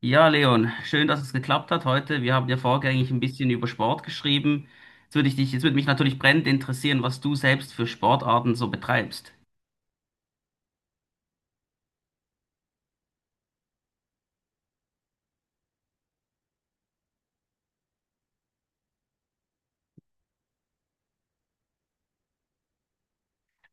Ja, Leon, schön, dass es geklappt hat heute. Wir haben ja vorgängig ein bisschen über Sport geschrieben. Jetzt würde ich dich, jetzt würde mich natürlich brennend interessieren, was du selbst für Sportarten so betreibst.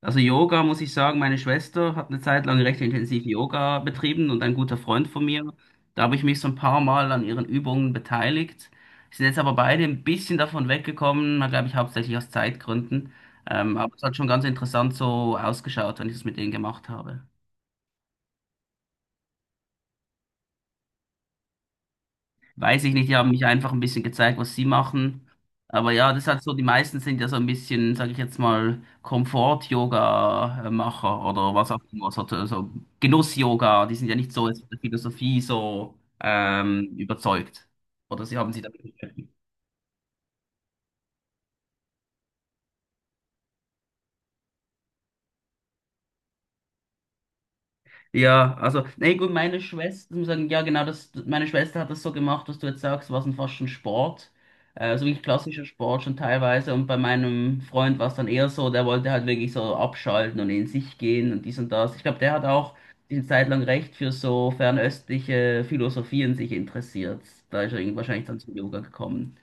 Also Yoga, muss ich sagen, meine Schwester hat eine Zeit lang recht intensiv Yoga betrieben und ein guter Freund von mir. Da habe ich mich so ein paar Mal an ihren Übungen beteiligt. Wir sind jetzt aber beide ein bisschen davon weggekommen, glaube ich, hauptsächlich aus Zeitgründen. Aber es hat schon ganz interessant so ausgeschaut, wenn ich das mit denen gemacht habe. Weiß ich nicht, die haben mich einfach ein bisschen gezeigt, was sie machen. Aber ja, das hat so, die meisten sind ja so ein bisschen, sage ich jetzt mal, Komfort-Yoga-Macher oder was auch immer, so, so Genuss-Yoga, die sind ja nicht so jetzt von der Philosophie so überzeugt. Oder sie haben sie damit. Ja, also, nee, gut, meine Schwester, ich muss sagen, ja, genau, das, meine Schwester hat das so gemacht, was du jetzt sagst, war es dann fast schon Sport. So wirklich klassischer Sport schon teilweise. Und bei meinem Freund war es dann eher so, der wollte halt wirklich so abschalten und in sich gehen und dies und das. Ich glaube, der hat auch eine Zeit lang recht für so fernöstliche Philosophien sich interessiert. Da ist er irgendwie wahrscheinlich dann zum Yoga gekommen.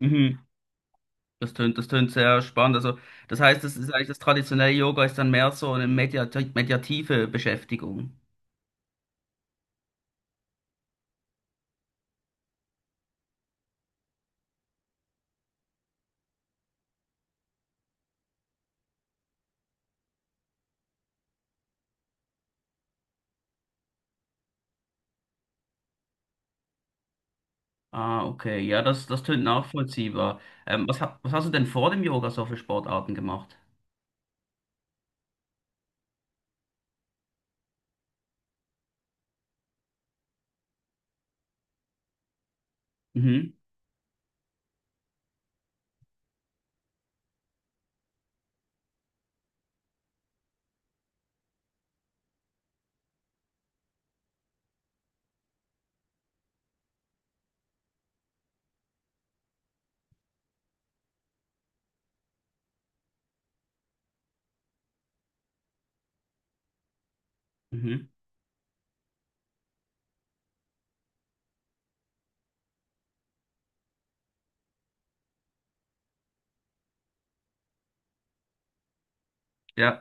Mhm. Das tönt sehr spannend. Also, das heißt, das ist eigentlich das traditionelle Yoga ist dann mehr so eine meditative Beschäftigung. Ah, okay. Ja, das, das tönt nachvollziehbar. Was, was hast du denn vor dem Yoga so für Sportarten gemacht? Mhm, mhm. Ja.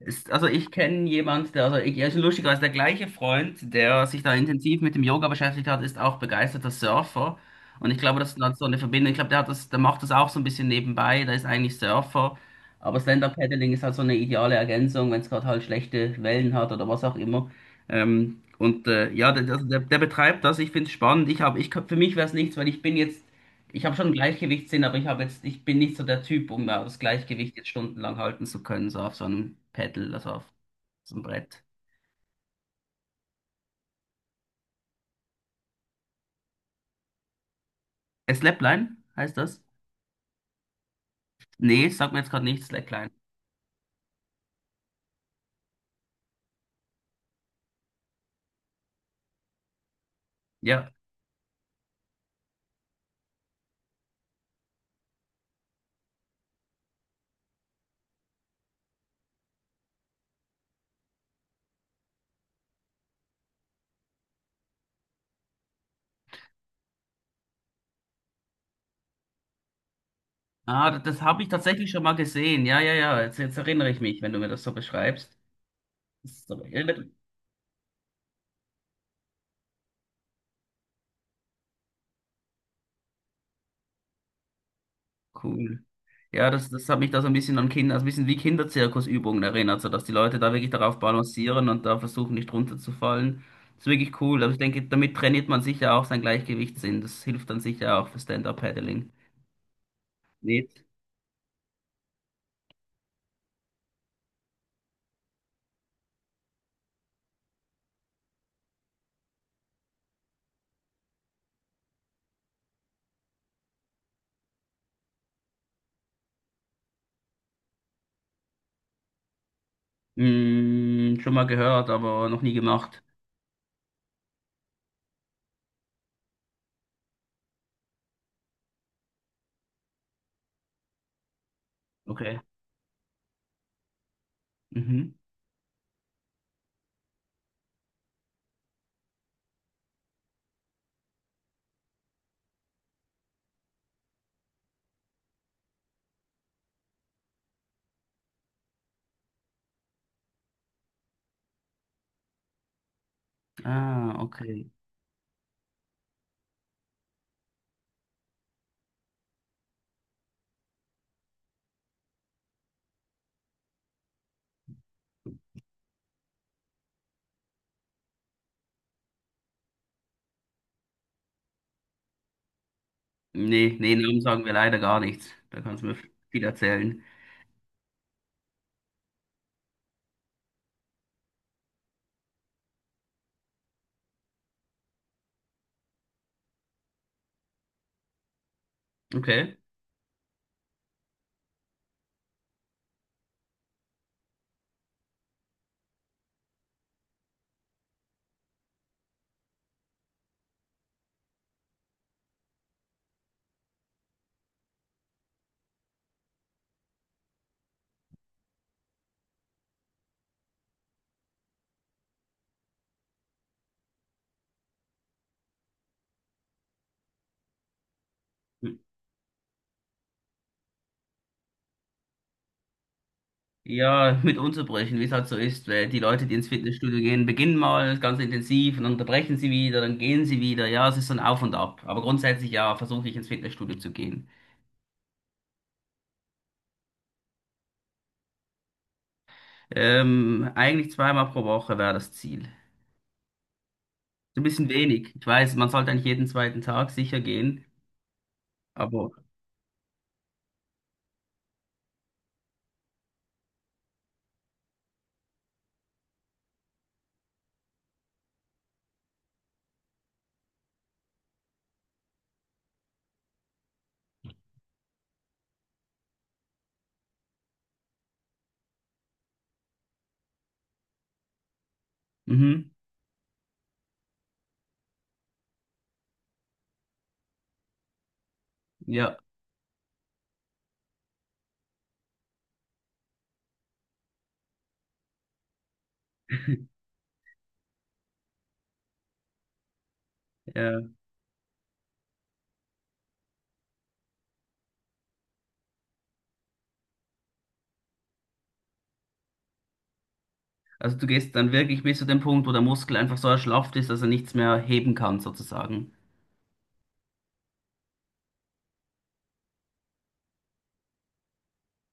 Ist, also ich kenne jemand, der, also ich, ja, ist lustigerweise der gleiche Freund, der sich da intensiv mit dem Yoga beschäftigt hat, ist auch begeisterter Surfer. Und ich glaube, das ist dann so eine Verbindung. Ich glaube, der hat das, der macht das auch so ein bisschen nebenbei. Der ist eigentlich Surfer. Aber Stand-Up-Paddling ist halt so eine ideale Ergänzung, wenn es gerade halt schlechte Wellen hat oder was auch immer. Ja, der, der, der betreibt das. Ich finde es spannend. Ich hab, ich, für mich wäre es nichts, weil ich bin jetzt ich habe schon einen Gleichgewichtssinn, aber ich habe jetzt, ich bin nicht so der Typ, um das Gleichgewicht jetzt stundenlang halten zu können, so auf so einem Pedal, also auf so einem Brett. Slapline heißt das? Nee, sagt mir jetzt gerade nichts. Slackline. Ja. Ah, das, das habe ich tatsächlich schon mal gesehen. Ja, ja, ja. Jetzt, jetzt erinnere ich mich, wenn du mir das so beschreibst. Das ist so- Cool. Ja, das, das hat mich da so ein bisschen an Kinder, also ein bisschen wie Kinderzirkusübungen erinnert, so dass die Leute da wirklich darauf balancieren und da versuchen nicht runterzufallen. Das ist wirklich cool. Aber ich denke, damit trainiert man sicher auch sein Gleichgewichtssinn. Das hilft dann sicher auch für Stand-Up-Paddling. Nicht? Mm, schon mal gehört, aber noch nie gemacht. Okay. Mhm. Ah, okay. Nee, nee, Namen sagen wir leider gar nichts. Da kannst du mir viel erzählen. Okay. Hm. Ja, mit Unterbrechen, wie es halt so ist, weil die Leute, die ins Fitnessstudio gehen, beginnen mal ganz intensiv und dann unterbrechen sie wieder, dann gehen sie wieder. Ja, es ist so ein Auf und Ab. Aber grundsätzlich ja, versuche ich ins Fitnessstudio zu gehen. Eigentlich zweimal pro Woche wäre das Ziel. So ein bisschen wenig. Ich weiß, man sollte eigentlich jeden zweiten Tag sicher gehen, aber mhm, ja. Ja. Also du gehst dann wirklich bis zu dem Punkt, wo der Muskel einfach so erschlafft ist, dass er nichts mehr heben kann, sozusagen.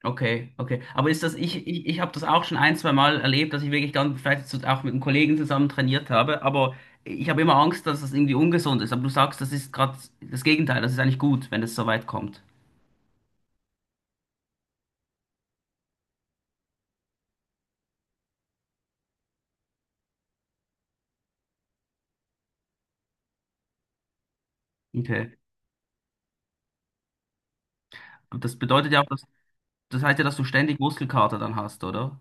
Okay, okay. Aber ist das, ich habe das auch schon ein, zwei Mal erlebt, dass ich wirklich dann vielleicht auch mit einem Kollegen zusammen trainiert habe, aber ich habe immer Angst, dass das irgendwie ungesund ist. Aber du sagst, das ist gerade das Gegenteil, das ist eigentlich gut, wenn es so weit kommt. Okay. Und das bedeutet ja auch, dass, das heißt ja, dass du ständig Muskelkater dann hast, oder?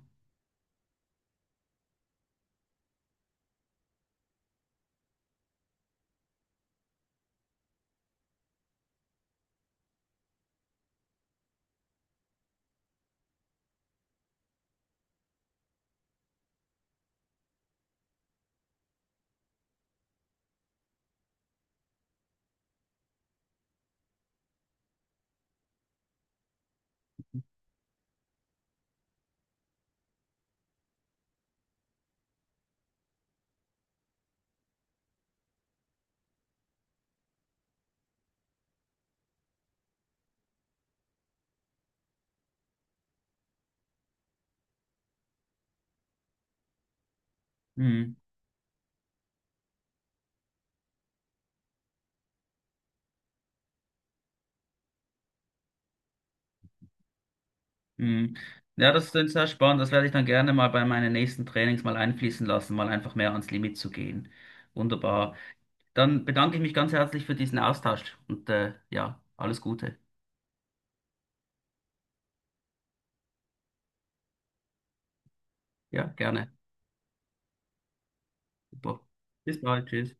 Mhm. Mhm. Ja, das ist sehr spannend. Das werde ich dann gerne mal bei meinen nächsten Trainings mal einfließen lassen, mal einfach mehr ans Limit zu gehen. Wunderbar. Dann bedanke ich mich ganz herzlich für diesen Austausch und ja, alles Gute. Ja, gerne. Super. Bis bald. Tschüss.